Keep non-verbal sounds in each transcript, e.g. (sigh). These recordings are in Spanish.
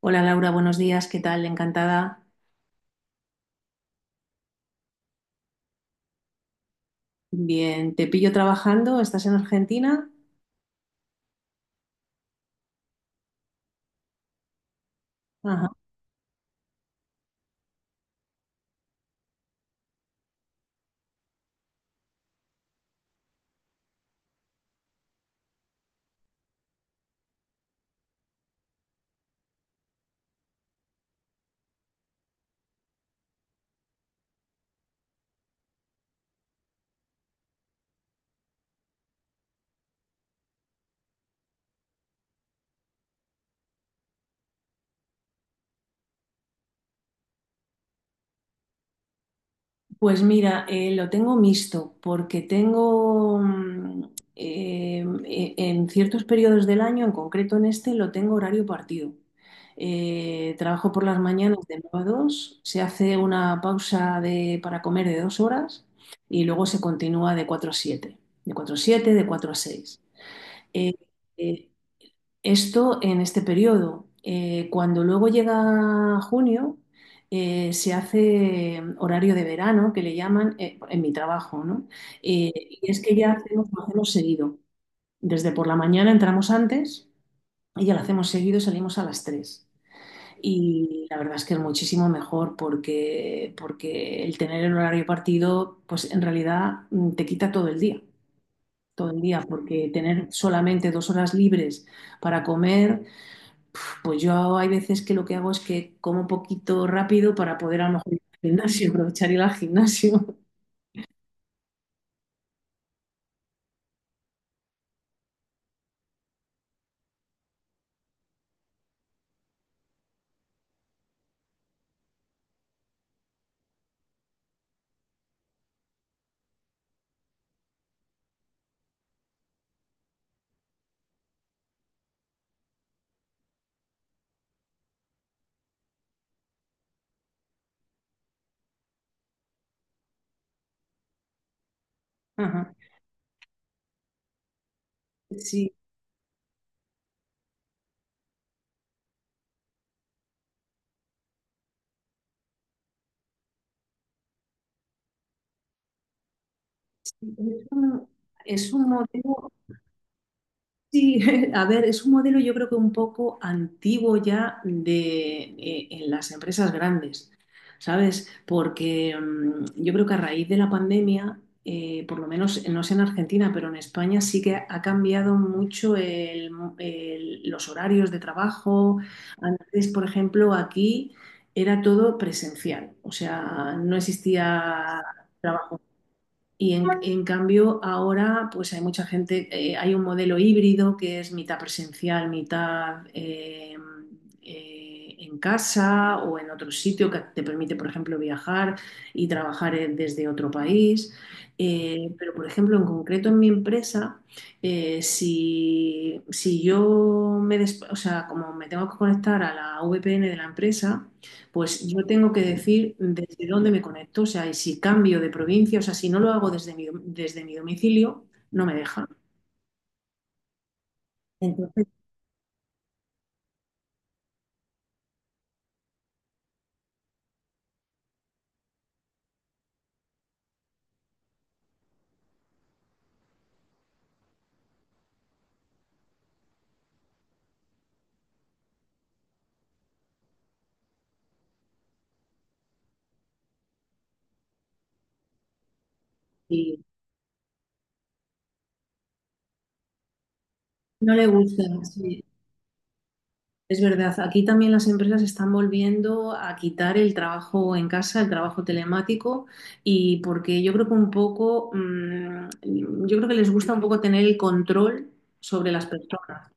Hola Laura, buenos días, ¿qué tal? Encantada. Bien, te pillo trabajando, ¿estás en Argentina? Ajá. Pues mira, lo tengo mixto porque tengo en ciertos periodos del año, en concreto en este, lo tengo horario partido. Trabajo por las mañanas de 9 a 2. Se hace una pausa para comer de 2 horas y luego se continúa de 4 a 7. De 4 a 7, de 4 a 6. Eh, eh, Esto en este periodo. Cuando luego llega junio, se hace horario de verano, que le llaman, en mi trabajo, ¿no? Eh, y es que ya hacemos, lo hacemos seguido. Desde por la mañana entramos antes y ya lo hacemos seguido y salimos a las tres. Y la verdad es que es muchísimo mejor porque el tener el horario partido, pues en realidad, te quita todo el día, porque tener solamente 2 horas libres para comer, pues yo hay veces que lo que hago es que como poquito rápido para poder, a lo mejor, ir al gimnasio, (laughs) aprovechar ir al gimnasio. (laughs) Ajá. Sí, es un, es un modelo, sí, (laughs) a ver, es un modelo, yo creo que un poco antiguo ya de, en las empresas grandes, ¿sabes? Porque, yo creo que a raíz de la pandemia, por lo menos no sé en Argentina, pero en España sí que ha cambiado mucho los horarios de trabajo. Antes, por ejemplo, aquí era todo presencial, o sea, no existía trabajo. Y en cambio ahora, pues hay mucha gente, hay un modelo híbrido que es mitad presencial, mitad, en casa o en otro sitio, que te permite, por ejemplo, viajar y trabajar desde otro país. Pero, por ejemplo, en concreto en mi empresa, si, si yo me, des- o sea, como me tengo que conectar a la VPN de la empresa, pues yo tengo que decir desde dónde me conecto, o sea, y si cambio de provincia, o sea, si no lo hago desde desde mi domicilio, no me deja. Entonces, sí, no le gusta, sí, es verdad. Aquí también las empresas están volviendo a quitar el trabajo en casa, el trabajo telemático, y porque yo creo que un poco, yo creo que les gusta un poco tener el control sobre las personas.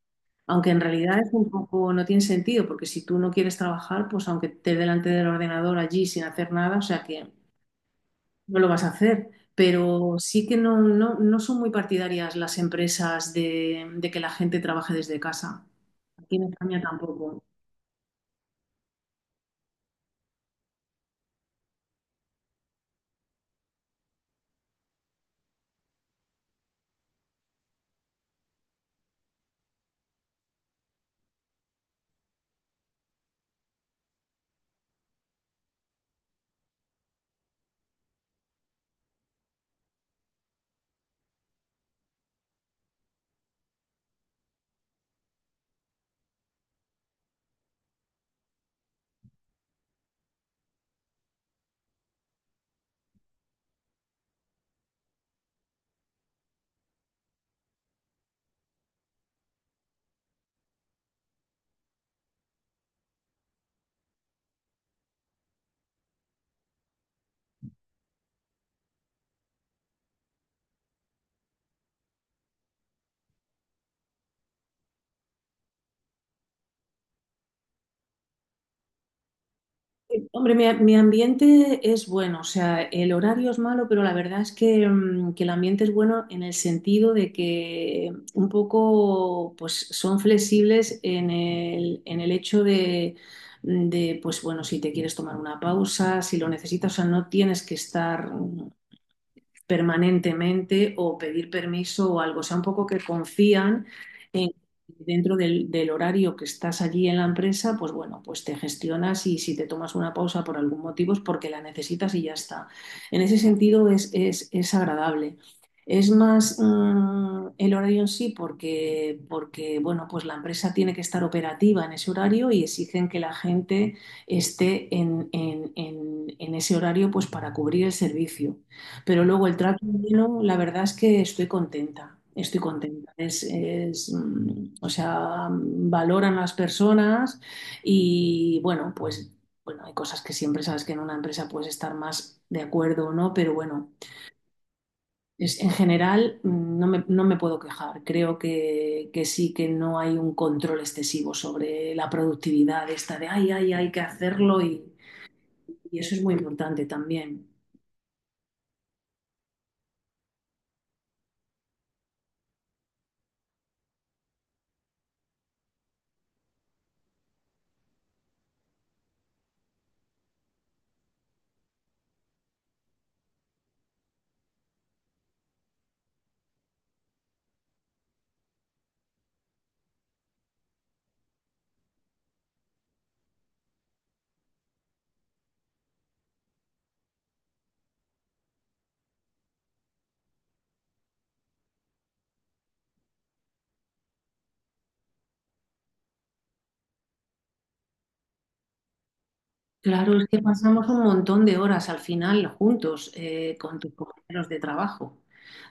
Aunque en realidad es un poco, no tiene sentido, porque si tú no quieres trabajar, pues aunque estés delante del ordenador allí sin hacer nada, o sea que no lo vas a hacer. Pero sí que no son muy partidarias las empresas de que la gente trabaje desde casa. Aquí en España tampoco. Hombre, mi ambiente es bueno, o sea, el horario es malo, pero la verdad es que, que el ambiente es bueno, en el sentido de que un poco, pues, son flexibles en el hecho de, pues bueno, si te quieres tomar una pausa, si lo necesitas, o sea, no tienes que estar permanentemente o pedir permiso o algo. O sea, un poco que confían en, dentro del horario que estás allí en la empresa, pues bueno, pues te gestionas, y si te tomas una pausa por algún motivo es porque la necesitas y ya está. En ese sentido es, es agradable. Es más, el horario en sí, porque, bueno, pues la empresa tiene que estar operativa en ese horario y exigen que la gente esté en ese horario, pues, para cubrir el servicio. Pero luego el trato humano, la verdad es que estoy contenta, estoy contenta. O sea, valoran las personas, y bueno, pues bueno, hay cosas que siempre sabes que en una empresa puedes estar más de acuerdo o no, pero bueno, es, en general, no me puedo quejar. Creo que sí, que no hay un control excesivo sobre la productividad esta de, ay, ay, hay que hacerlo, y eso es muy importante también. Claro, es que pasamos un montón de horas al final juntos, con tus compañeros de trabajo,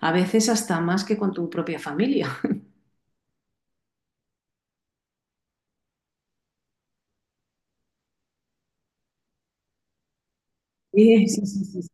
a veces hasta más que con tu propia familia. (laughs) Sí, sí, sí, sí.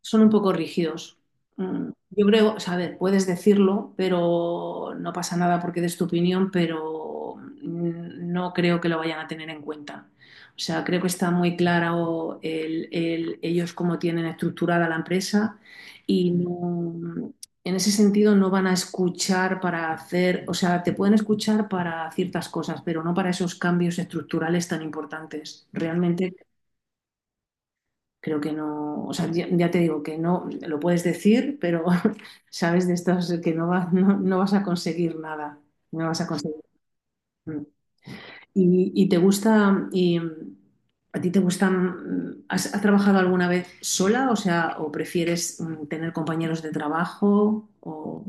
Son un poco rígidos. Yo creo, o sea, a ver, puedes decirlo, pero no pasa nada porque des tu opinión, pero, no creo que lo vayan a tener en cuenta. O sea, creo que está muy claro ellos cómo tienen estructurada la empresa, y en ese sentido no van a escuchar para hacer, o sea, te pueden escuchar para ciertas cosas, pero no para esos cambios estructurales tan importantes. Realmente creo que no, o sea, ya, ya te digo que no, lo puedes decir, pero (laughs) sabes de estos que no, no vas a conseguir nada, no vas a conseguir. ¿Y te gusta, y, a ti te gustan, has trabajado alguna vez sola, o sea, o prefieres tener compañeros de trabajo, o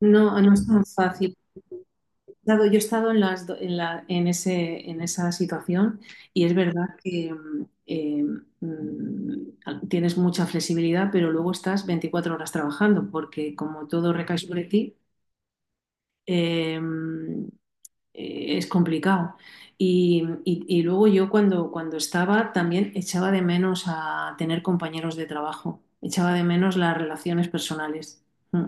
no es tan fácil? Dado, yo he estado en, las do- en, la- en ese, en esa situación, y es verdad que, tienes mucha flexibilidad, pero luego estás 24 horas trabajando porque como todo recae sobre ti, eh, es complicado. Y luego yo, cuando, estaba, también echaba de menos a tener compañeros de trabajo, echaba de menos las relaciones personales. Mm.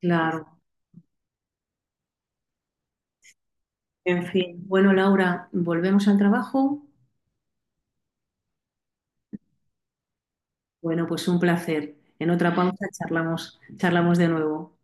Claro. En fin. Bueno, Laura, volvemos al trabajo. Bueno, pues un placer. En otra pausa charlamos, charlamos de nuevo.